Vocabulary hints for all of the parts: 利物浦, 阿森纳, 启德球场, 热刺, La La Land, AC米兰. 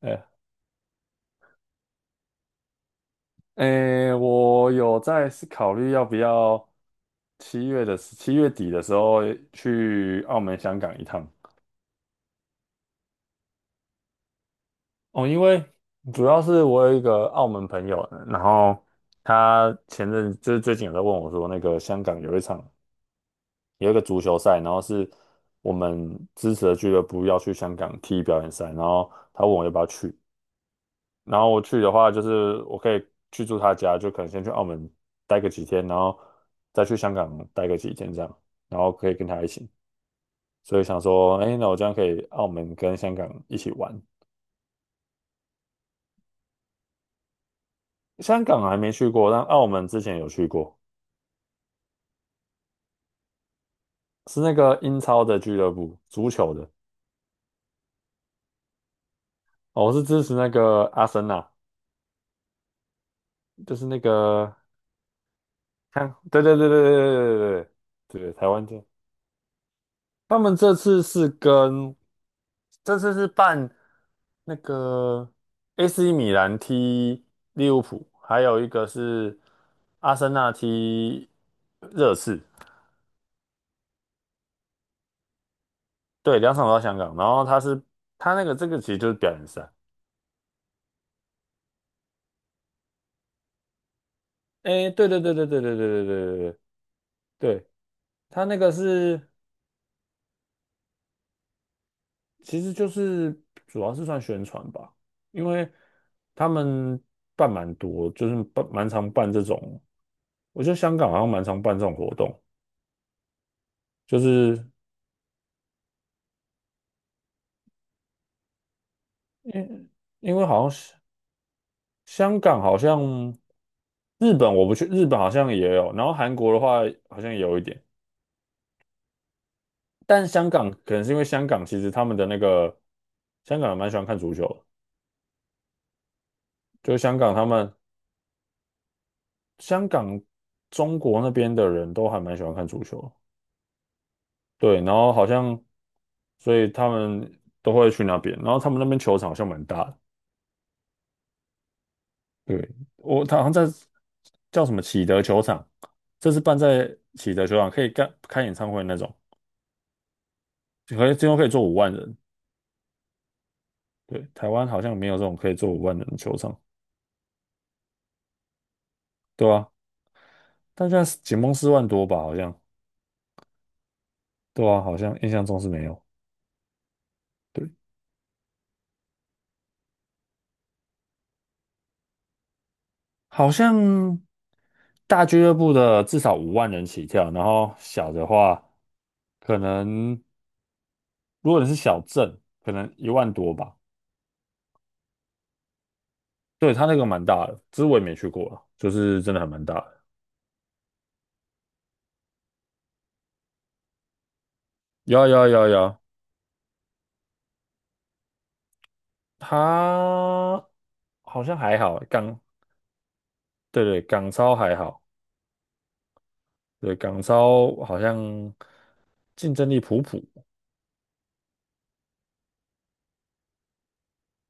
哎哎，我有在考虑要不要7月底的时候去澳门、香港一趟哦，因为主要是我有一个澳门朋友，然后他前阵就是最近有在问我说，那个香港有一个足球赛，然后是我们支持的俱乐部要去香港踢表演赛，然后他问我要不要去，然后我去的话，就是我可以去住他家，就可能先去澳门待个几天，然后再去香港待个几天这样，然后可以跟他一起。所以想说，哎，那我这样可以澳门跟香港一起玩。香港还没去过，但澳门之前有去过，是那个英超的俱乐部，足球的。哦，我是支持那个阿森纳，就是那个，看，对对对对对对对对，对台湾队。他们这次是办那个 AC 米兰踢利物浦，还有一个是阿森纳踢热刺，对，两场都在香港。然后他其实就是表演赛，哎，对对对对对对对对对对对，他那个是。其实就是主要是算宣传吧，因为他们办蛮多，就是办蛮常办这种，我觉得香港好像蛮常办这种活动，就是因因为好像是香港好像日本我不去，日本好像也有，然后韩国的话好像也有一点，但香港可能是因为香港其实他们的那个香港人蛮喜欢看足球的就是香港中国那边的人都还蛮喜欢看足球的对，然后好像，所以他们都会去那边，然后他们那边球场好像蛮大的。对，他好像在叫什么启德球场，这是办在启德球场，可以开演唱会那种，最多可以坐五万人。对，台湾好像没有这种可以坐五万人的球场，对啊，但现在是紧绷4万多吧，好像，对啊，好像印象中是没有。对，好像大俱乐部的至少五万人起跳，然后小的话可能。如果你是小镇，可能1万多吧。对，它那个蛮大的，只是我也没去过啊，就是真的还蛮大的。有啊有啊有啊有啊，它好像还好欸，对对港超还好，对港超好像竞争力普普。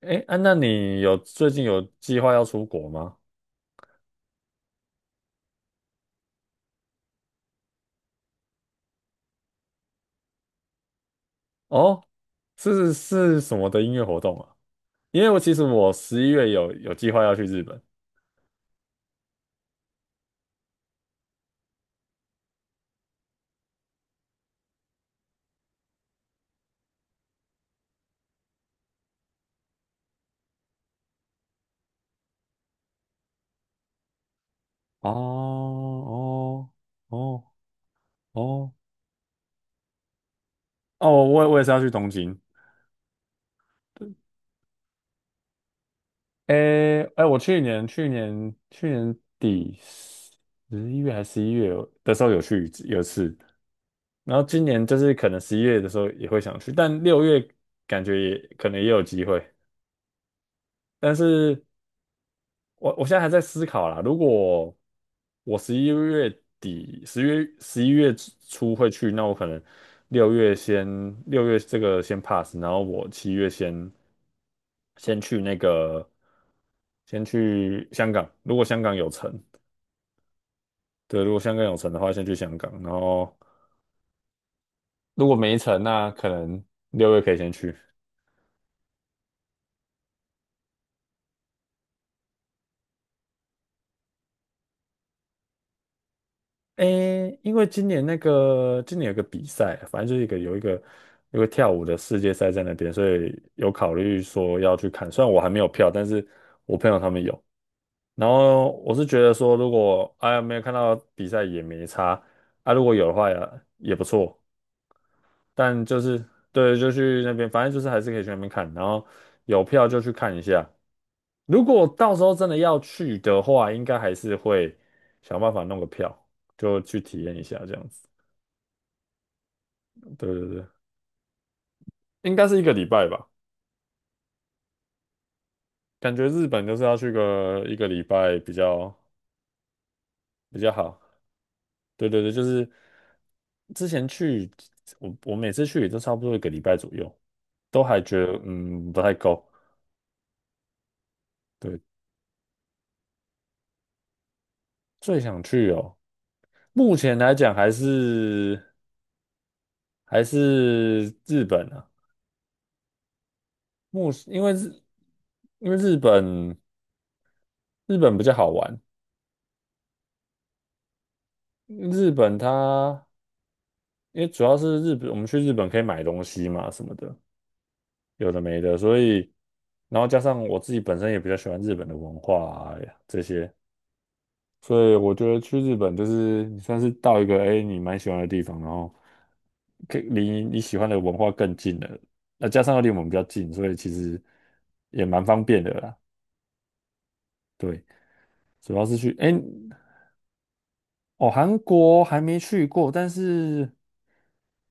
哎，啊，那你最近有计划要出国吗？哦，是什么的音乐活动啊？因为我其实十一月有计划要去日本。哦哦哦哦。哦，我也是要去东京。诶诶，我去年底十一月的时候有一次，然后今年就是可能十一月的时候也会想去，但六月感觉也可能也有机会，但是我现在还在思考啦，如果我11月底、10月11月初会去，那我可能六月先六月这个先 pass，然后我七月先去那个先去香港，如果香港有城，对，如果香港有城的话，先去香港，然后如果没城，那可能六月可以先去。诶，因为今年有个比赛，反正就是一个有一个有个跳舞的世界赛在那边，所以有考虑说要去看。虽然我还没有票，但是我朋友他们有。然后我是觉得说，如果哎呀没有看到比赛也没差，啊如果有的话也不错。但就是对，就去那边，反正就是还是可以去那边看，然后有票就去看一下。如果到时候真的要去的话，应该还是会想办法弄个票，就去体验一下这样子。对对对，应该是一个礼拜吧，感觉日本就是要去个一个礼拜比较好。对对对，就是之前去，我每次去也都差不多一个礼拜左右，都还觉得不太够。对，最想去哦。目前来讲还是日本啊，目因为日因为日本比较好玩，日本它因为主要是日本，我们去日本可以买东西嘛什么的，有的没的，所以然后加上我自己本身也比较喜欢日本的文化啊这些，所以我觉得去日本就是你算是到一个你蛮喜欢的地方，然后可以离你喜欢的文化更近了，那加上又离我们比较近，所以其实也蛮方便的啦。对，主要是去哦，韩国还没去过，但是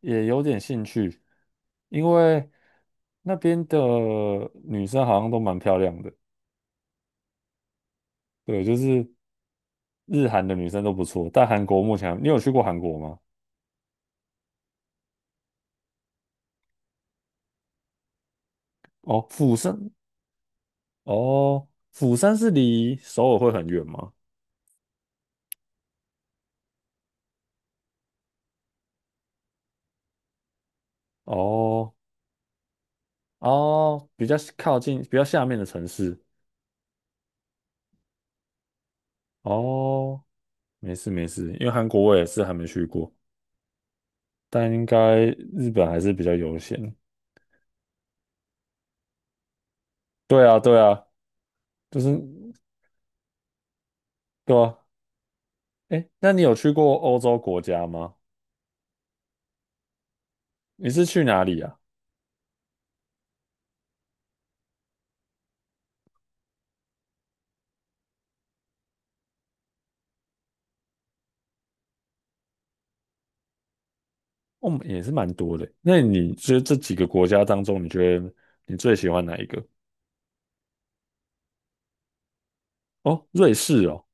也有点兴趣，因为那边的女生好像都蛮漂亮的，对，就是日韩的女生都不错，但韩国目前还你有去过韩国吗？哦，釜山。哦，釜山是离首尔会很远吗？哦哦，比较靠近，比较下面的城市。哦，没事没事，因为韩国我也是还没去过，但应该日本还是比较优先。对啊对啊，就是对啊。哎，那你有去过欧洲国家吗？你是去哪里啊？哦，也是蛮多的。那你觉得这几个国家当中，你觉得你最喜欢哪一个？哦，瑞士哦，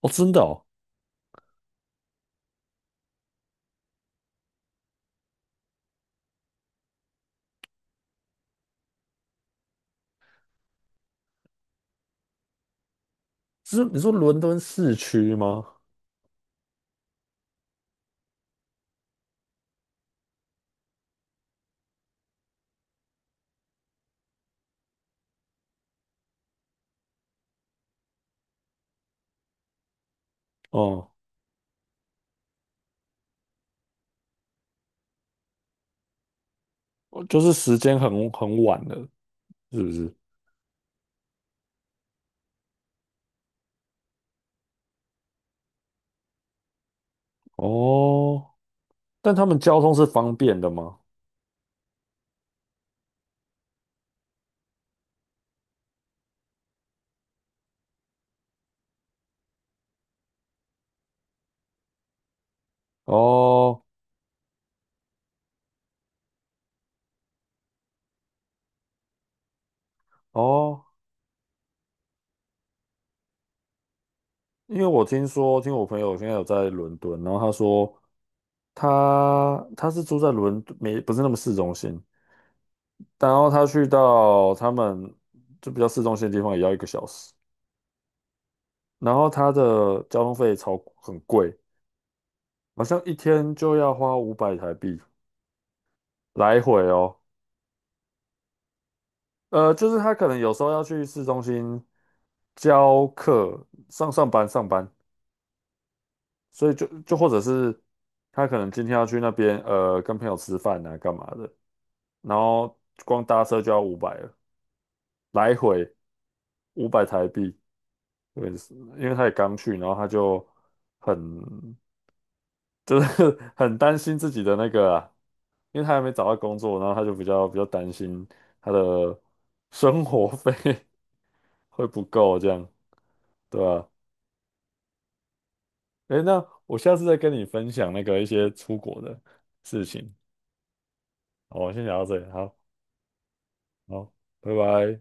哦，真的哦，是你说伦敦市区吗？哦，哦就是时间很晚了，是不是？哦，但他们交通是方便的吗？哦哦，因为我听说，听我朋友现在有在伦敦，然后他说他是住在伦敦，没不是那么市中心，然后他去到他们就比较市中心的地方也要1个小时，然后他的交通费很贵，好像一天就要花五百台币来回哦。就是他可能有时候要去市中心教课、上班，所以就或者是他可能今天要去那边跟朋友吃饭啊，干嘛的，然后光搭车就要五百了，来回五百台币，对，因为他也刚去，然后他就很就是 很担心自己的那个啊因为他还没找到工作，然后他就比较担心他的生活费会不够这样，对吧？诶，那我下次再跟你分享一些出国的事情。好，我先讲到这里，好，好，拜拜。